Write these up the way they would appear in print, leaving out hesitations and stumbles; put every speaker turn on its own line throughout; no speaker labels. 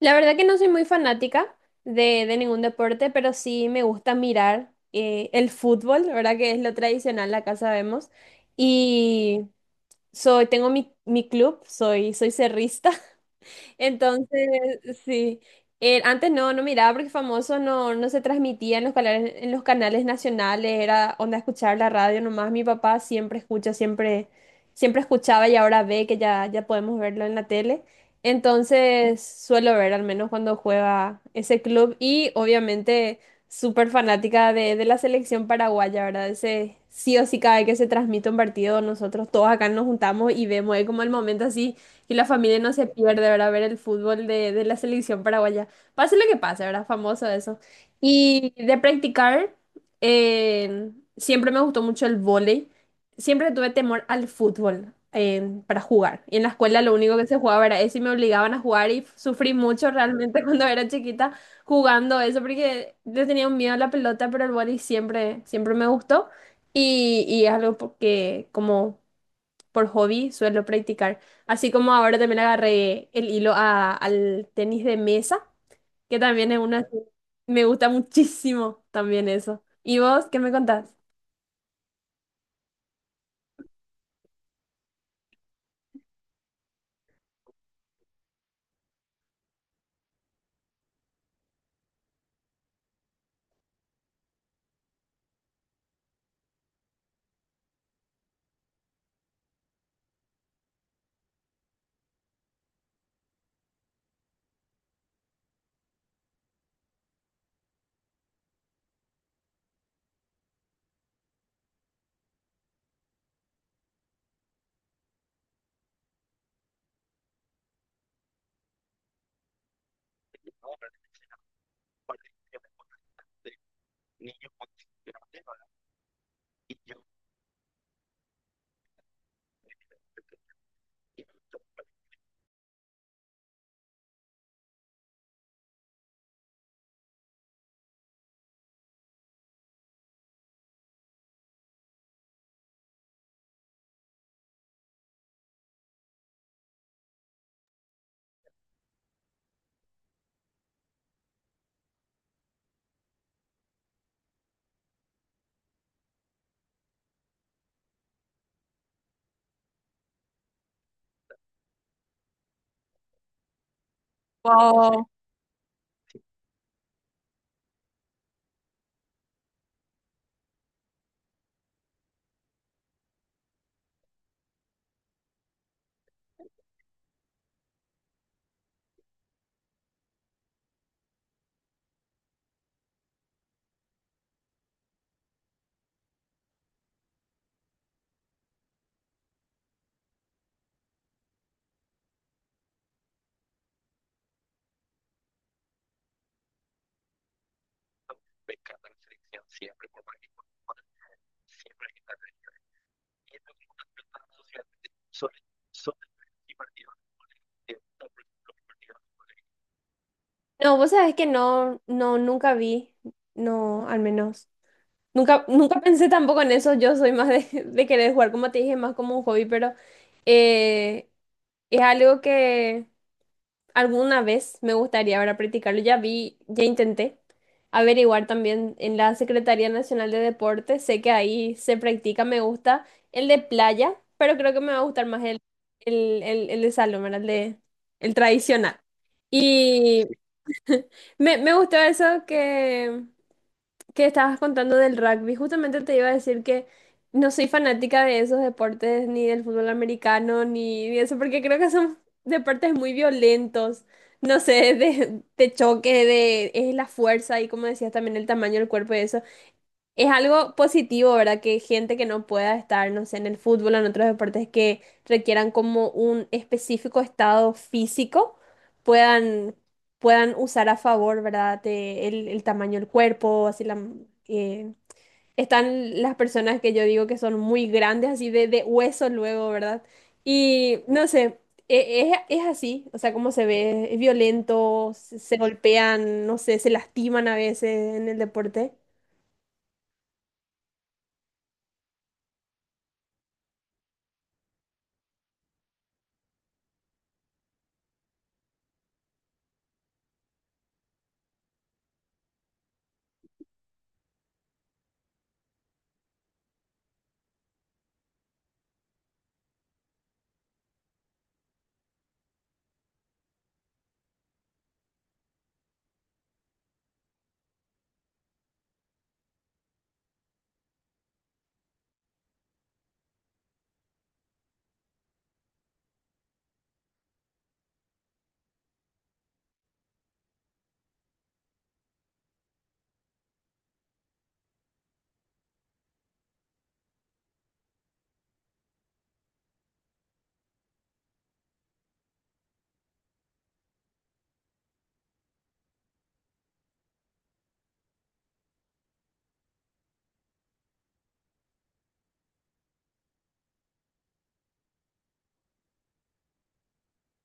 La verdad que no soy muy fanática de ningún deporte, pero sí me gusta mirar el fútbol, la verdad que es lo tradicional, acá sabemos. Y soy, tengo mi club, soy cerrista. Entonces, sí. Antes no miraba porque famoso no se transmitía en los canales nacionales, era onda escuchar la radio nomás. Mi papá siempre escucha, siempre, siempre escuchaba y ahora ve que ya, ya podemos verlo en la tele. Entonces suelo ver al menos cuando juega ese club y obviamente súper fanática de la selección paraguaya, ¿verdad? Ese sí o sí cada vez que se transmite un partido, nosotros todos acá nos juntamos y vemos, es como el momento así. Y la familia no se pierde, ¿verdad? Ver el fútbol de la selección paraguaya. Pase lo que pase, ¿verdad? Famoso eso. Y de practicar, eh, siempre me gustó mucho el vóley. Siempre tuve temor al fútbol para jugar. Y en la escuela lo único que se jugaba era eso y me obligaban a jugar y sufrí mucho realmente cuando era chiquita jugando eso porque le tenía un miedo a la pelota, pero el vóley siempre, siempre me gustó. Y es algo que como por hobby suelo practicar. Así como ahora también agarré el hilo al tenis de mesa, que también es una... Me gusta muchísimo también eso. ¿Y vos qué me contás? Wow. No, vos sabés que no, no, nunca vi, no, al menos. Nunca, nunca pensé tampoco en eso, yo soy más de, de querer jugar, como te dije, más como un hobby, pero eh, es algo que... Alguna vez me gustaría ahora practicarlo. Ya vi, ya intenté averiguar también en la Secretaría Nacional de Deportes. Sé que ahí se practica, me gusta el de playa, pero creo que me va a gustar más el de salón, ¿verdad? El de, el tradicional. Y me gustó eso que estabas contando del rugby, justamente te iba a decir que no soy fanática de esos deportes, ni del fútbol americano, ni de eso, porque creo que son deportes muy violentos. No sé, de choque, de es la fuerza y como decías también el tamaño del cuerpo y eso. Es algo positivo, ¿verdad? Que gente que no pueda estar, no sé, en el fútbol o en otros deportes que requieran como un específico estado físico, puedan, puedan usar a favor, ¿verdad? De el tamaño del cuerpo, así la... eh, están las personas que yo digo que son muy grandes, así de hueso luego, ¿verdad? Y no sé, es así, o sea, como se ve, es violento, se golpean, no sé, se lastiman a veces en el deporte.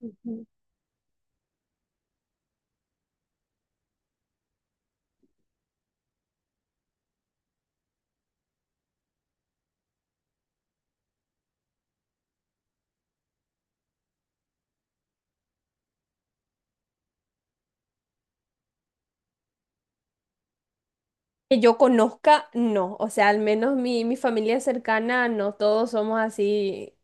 Ujú. Que yo conozca, no. O sea, al menos mi familia cercana, no todos somos así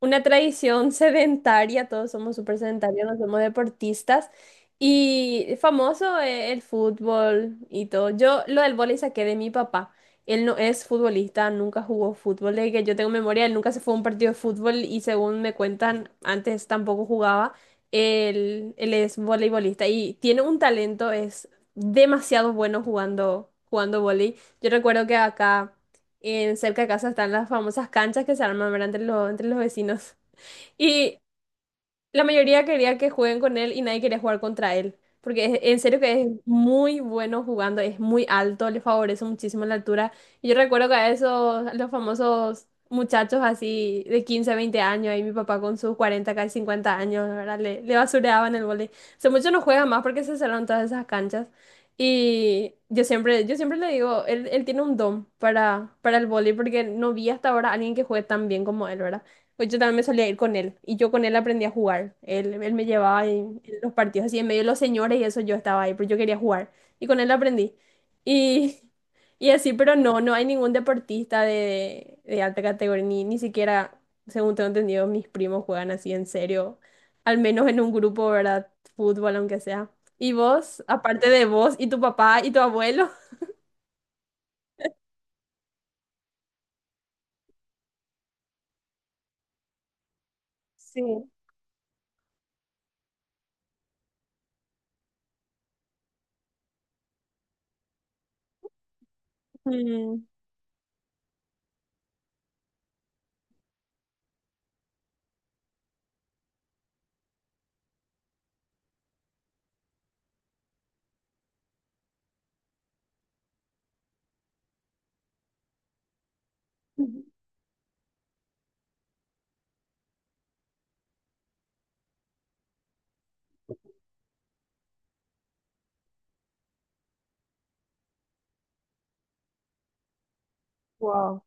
una tradición sedentaria, todos somos súper sedentarios, no somos deportistas. Y famoso el fútbol y todo. Yo lo del vóley saqué de mi papá. Él no es futbolista, nunca jugó fútbol. Desde que yo tengo memoria, él nunca se fue a un partido de fútbol y según me cuentan, antes tampoco jugaba. Él es voleibolista y tiene un talento, es demasiado bueno jugando, jugando vóley. Yo recuerdo que acá. En cerca de casa están las famosas canchas que se arman, ¿verdad? Entre los, entre los vecinos. Y la mayoría quería que jueguen con él y nadie quería jugar contra él. Porque en serio que es muy bueno jugando, es muy alto, le favorece muchísimo la altura. Y yo recuerdo que a esos, a los famosos muchachos así de 15 20 años, ahí mi papá con sus 40 casi 50 años, ¿verdad? Le basureaban el vóley. Hace mucho no juega más porque se cerraron todas esas canchas. Y yo siempre le digo, él tiene un don para el vóley porque no vi hasta ahora a alguien que juegue tan bien como él, ¿verdad? Pues yo también me solía ir con él y yo con él aprendí a jugar. Él me llevaba en los partidos así en medio de los señores y eso yo estaba ahí, pero yo quería jugar y con él aprendí. Y, y así, pero no, no hay ningún deportista de alta categoría, ni, ni siquiera, según tengo entendido, mis primos juegan así en serio, al menos en un grupo, ¿verdad? Fútbol, aunque sea. Y vos, aparte de vos y tu papá y tu abuelo. Sí. Mm. Wow.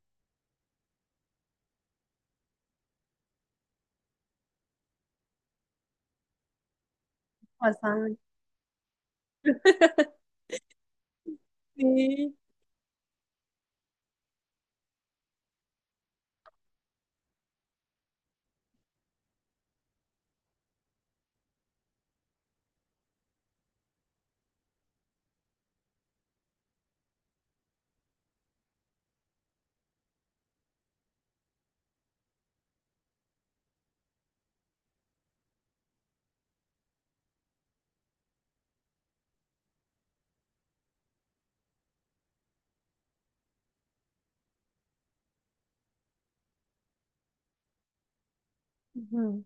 Pasaban. Sí. Ujú.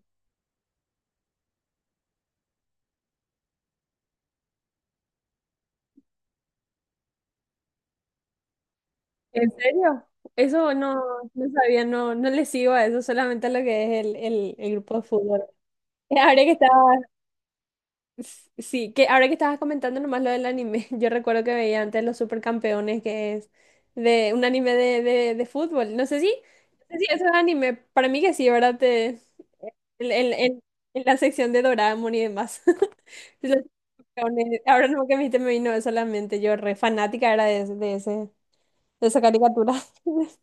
¿En serio? Eso no, no sabía, no, no le sigo a eso, solamente a lo que es el grupo de fútbol. Eh, Ahora que estabas, sí, que ahora que estabas comentando nomás lo del anime, yo recuerdo que veía antes los supercampeones, que es de un anime de fútbol. No sé si, no sé si eso es anime, para mí que sí, ¿verdad? Te, en, en- en- en la sección de Doraemon y demás. Los supercampeones. Ahora no que me dijiste, me vino eso a la mente, yo re fanática era de, de ese, de esa caricatura.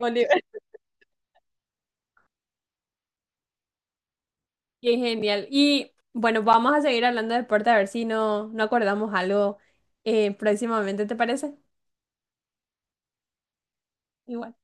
Oliver. Qué genial. Y bueno, vamos a seguir hablando de deporte a ver si no, no acordamos algo próximamente, ¿te parece? Igual.